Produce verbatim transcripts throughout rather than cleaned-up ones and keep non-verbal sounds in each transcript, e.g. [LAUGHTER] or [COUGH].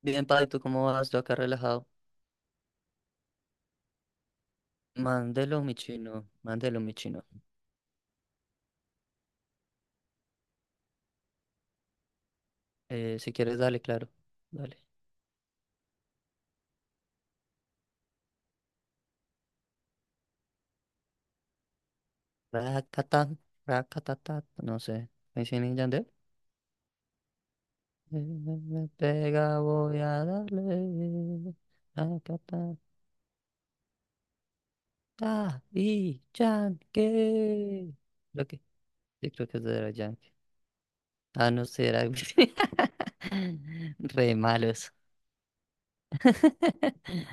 Bien, Pai, ¿tú cómo vas? Yo acá relajado. Mándelo, mi chino. Mándelo, mi chino. Eh, si quieres, dale, claro. Dale. Racatán, racatatá. No sé. ¿Me y Yandel? Eh, Me pega, voy a darle. Racatá. Ah, y Yankee. Creo que, sí, creo que es de los Yankee. Ah, no sé, era. [LAUGHS] Re malos. [LAUGHS]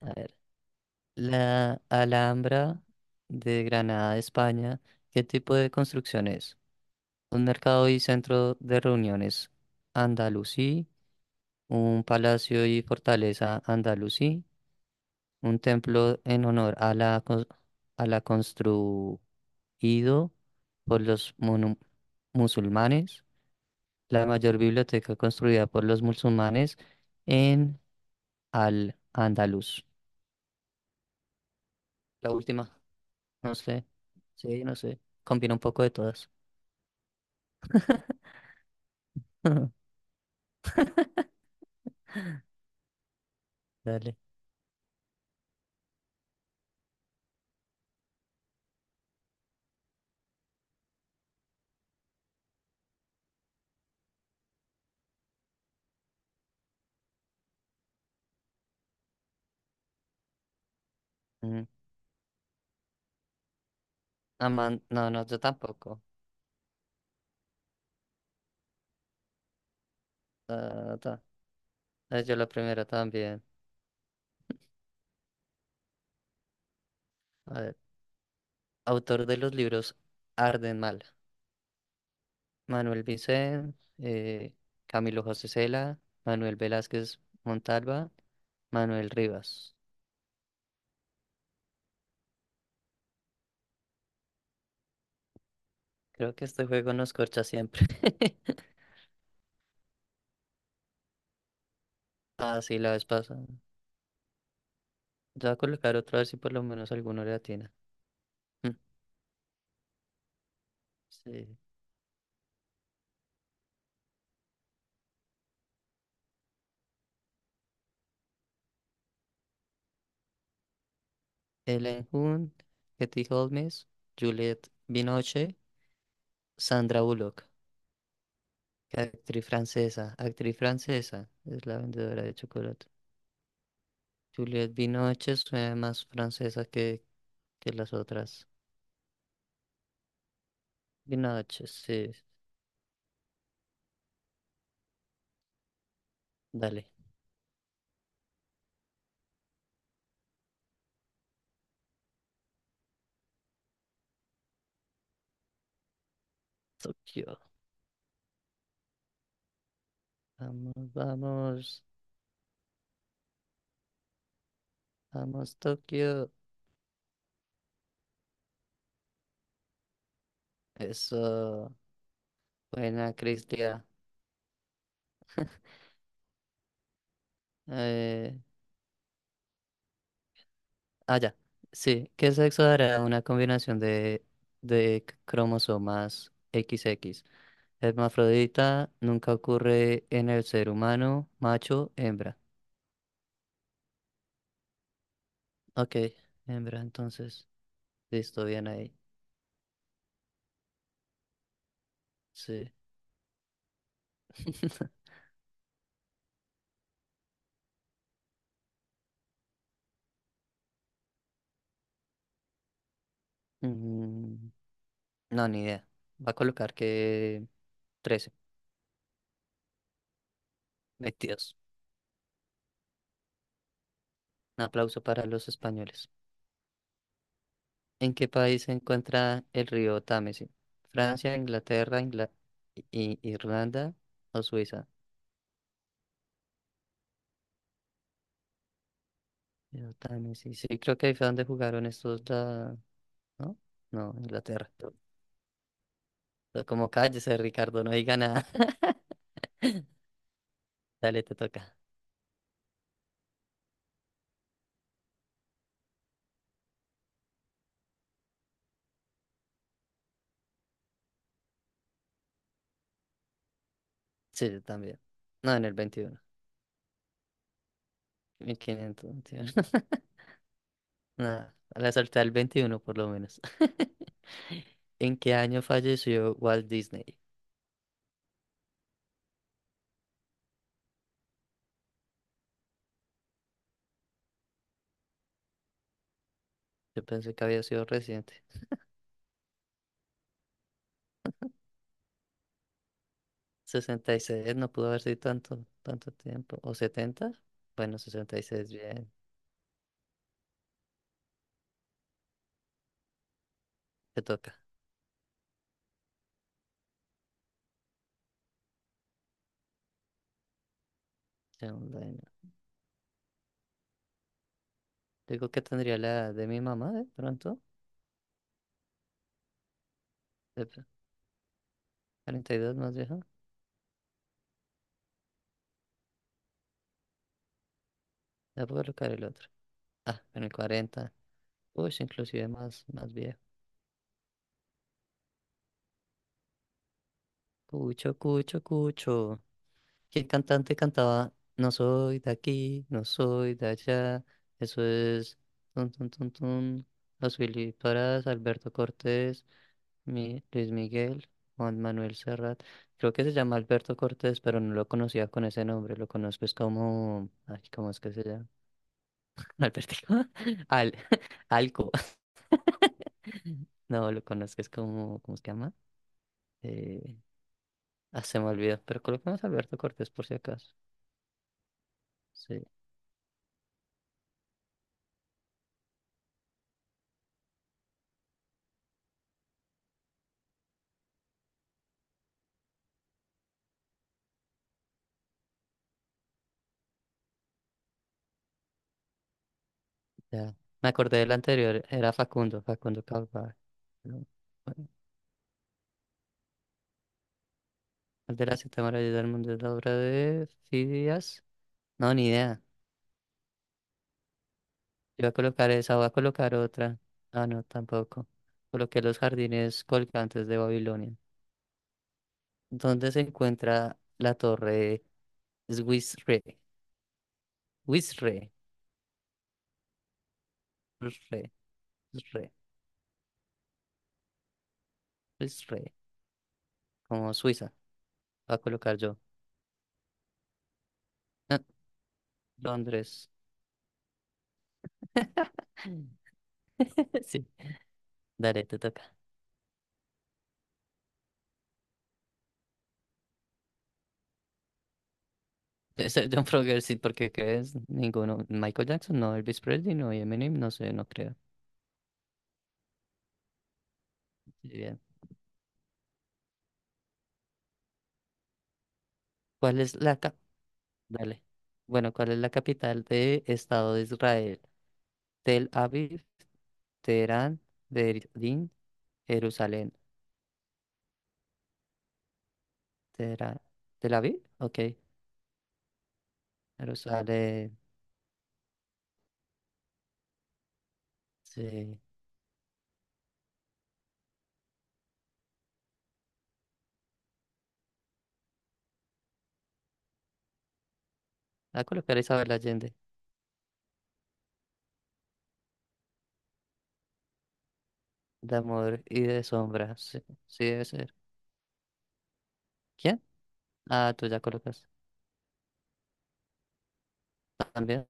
A ver. La Alhambra de Granada, España, ¿qué tipo de construcción es? Un mercado y centro de reuniones andalusí, un palacio y fortaleza andalusí, un templo en honor a la, cons- a la construido por los monu- musulmanes, la mayor biblioteca construida por los musulmanes en Al-Andalus. La última, no sé, sí, no sé, combina un poco de todas. [LAUGHS] Dale. Ujú. Ah, man, no, no, yo tampoco. Ta, ta. Eh, Yo la primera también. A ver, autor de los libros Arden Mal. Manuel Vicent, eh, Camilo José Cela, Manuel Velázquez Montalva, Manuel Rivas. Creo que este juego nos corcha siempre. [LAUGHS] Ah, sí, la vez pasada. Yo voy a colocar otra vez si por lo menos alguno le atina. Mm, sí. Ellen Hun, Katie Holmes, Juliette Binoche, Sandra Bullock. Actriz francesa, actriz francesa, es la vendedora de chocolate. Juliette Binoche suena más francesa que, que las otras. Binoche, sí, dale. Tokio, vamos, vamos, vamos, Tokio. Eso, buena, Cristia. Eh, ah, ya, sí, ¿qué sexo dará una combinación de, de c- cromosomas equis equis? Hermafrodita nunca ocurre en el ser humano, macho, hembra. Ok, hembra, entonces. Listo, bien ahí. Sí. [LAUGHS] Mm, no, ni idea. Va a colocar que trece, veintidós. Un aplauso para los españoles. ¿En qué país se encuentra el río Támesis? ¿Francia, Inglaterra, Ingla- I- Irlanda o Suiza? Río Támesis. Sí, creo que ahí fue donde jugaron estos la... ¿No? No, Inglaterra. Pero como cállese, Ricardo, no diga nada. [LAUGHS] Dale, te toca. Sí, yo también. No, en el veintiuno. mil quinientos veintiuno. Nada, la salté al veintiuno por lo menos. [LAUGHS] ¿En qué año falleció Walt Disney? Yo pensé que había sido reciente. Sesenta y seis no pudo haber sido tanto, tanto tiempo. ¿O setenta? Bueno, sesenta y seis bien, te toca. Segunda año. Digo que tendría la edad de mi mamá de pronto. De pr- Cuarenta y dos más vieja. Ya puedo colocar el otro. Ah, en el cuarenta. Uy, inclusive más, más viejo. Cucho, cucho, cucho. Que el cantante cantaba No soy de aquí, no soy de allá. Eso es tun tun tun tun. Los Willy Parás, Alberto Cortés, Mi- Luis Miguel, Juan Manuel Serrat. Creo que se llama Alberto Cortés, pero no lo conocía con ese nombre. Lo conozco es como, ay, ¿cómo es que se llama? [LAUGHS] Albertico. [LAUGHS] Al, [LAUGHS] Alco. [LAUGHS] No, lo conozco es como, ¿cómo se llama? Eh, ah, se me olvidó, pero coloquemos Alberto Cortés por si acaso. Sí. Ya. Me acordé del anterior, era Facundo, Facundo Cabral. ¿No? Bueno, el de la séptima maravilla del mundo es la obra de Fidias. No, ni idea. Yo voy a colocar esa, voy a colocar otra. Ah, no, tampoco. Coloqué los jardines colgantes de Babilonia. ¿Dónde se encuentra la torre Swisre? Swisre, Swisre, Swisre, Swisre, como Suiza. Voy a colocar yo. Ah, Londres. [LAUGHS] Sí, dale, te toca. Este, John Frogger, sí, porque ¿qué es? Ninguno. Michael Jackson, no. Elvis Presley, no. Y Eminem, no sé, no creo. Bien. ¿Cuál es la cap- Dale. Bueno, ¿cuál es la capital de Estado de Israel? Tel Aviv, Teherán, Berlín, Jerusalén. Teherán. ¿Tel Aviv? Ok. Jerusalén. Sí. A colocar a Isabel Allende. De amor y de sombra. Sí, sí debe ser. ¿Quién? Ah, tú ya colocas. También.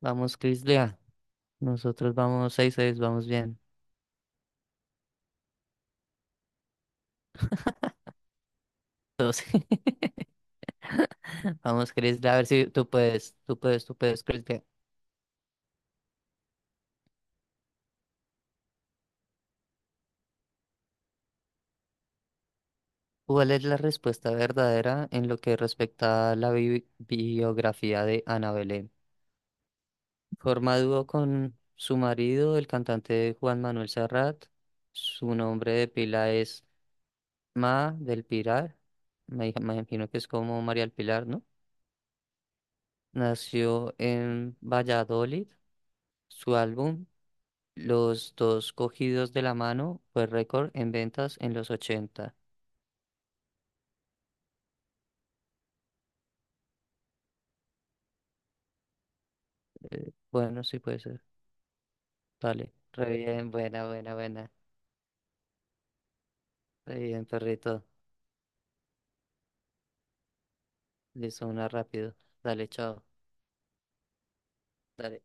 Vamos, Chris Lea. Nosotros vamos seis seis vamos bien. Todos. [LAUGHS] Vamos, Chris, a ver si tú puedes, tú puedes, tú puedes, Chris. Ve, ¿cuál es la respuesta verdadera en lo que respecta a la bi- biografía de Ana Belén? Forma dúo con su marido, el cantante Juan Manuel Serrat. Su nombre de pila es Ma del Pilar. Me, me imagino que es como María del Pilar, ¿no? Nació en Valladolid. Su álbum, Los dos cogidos de la mano, fue récord en ventas en los ochenta. Eh, Bueno, sí puede ser. Vale. Re bien, buena, buena, buena. Re bien, perrito. Listo, una rápido. Dale, chao. Dale.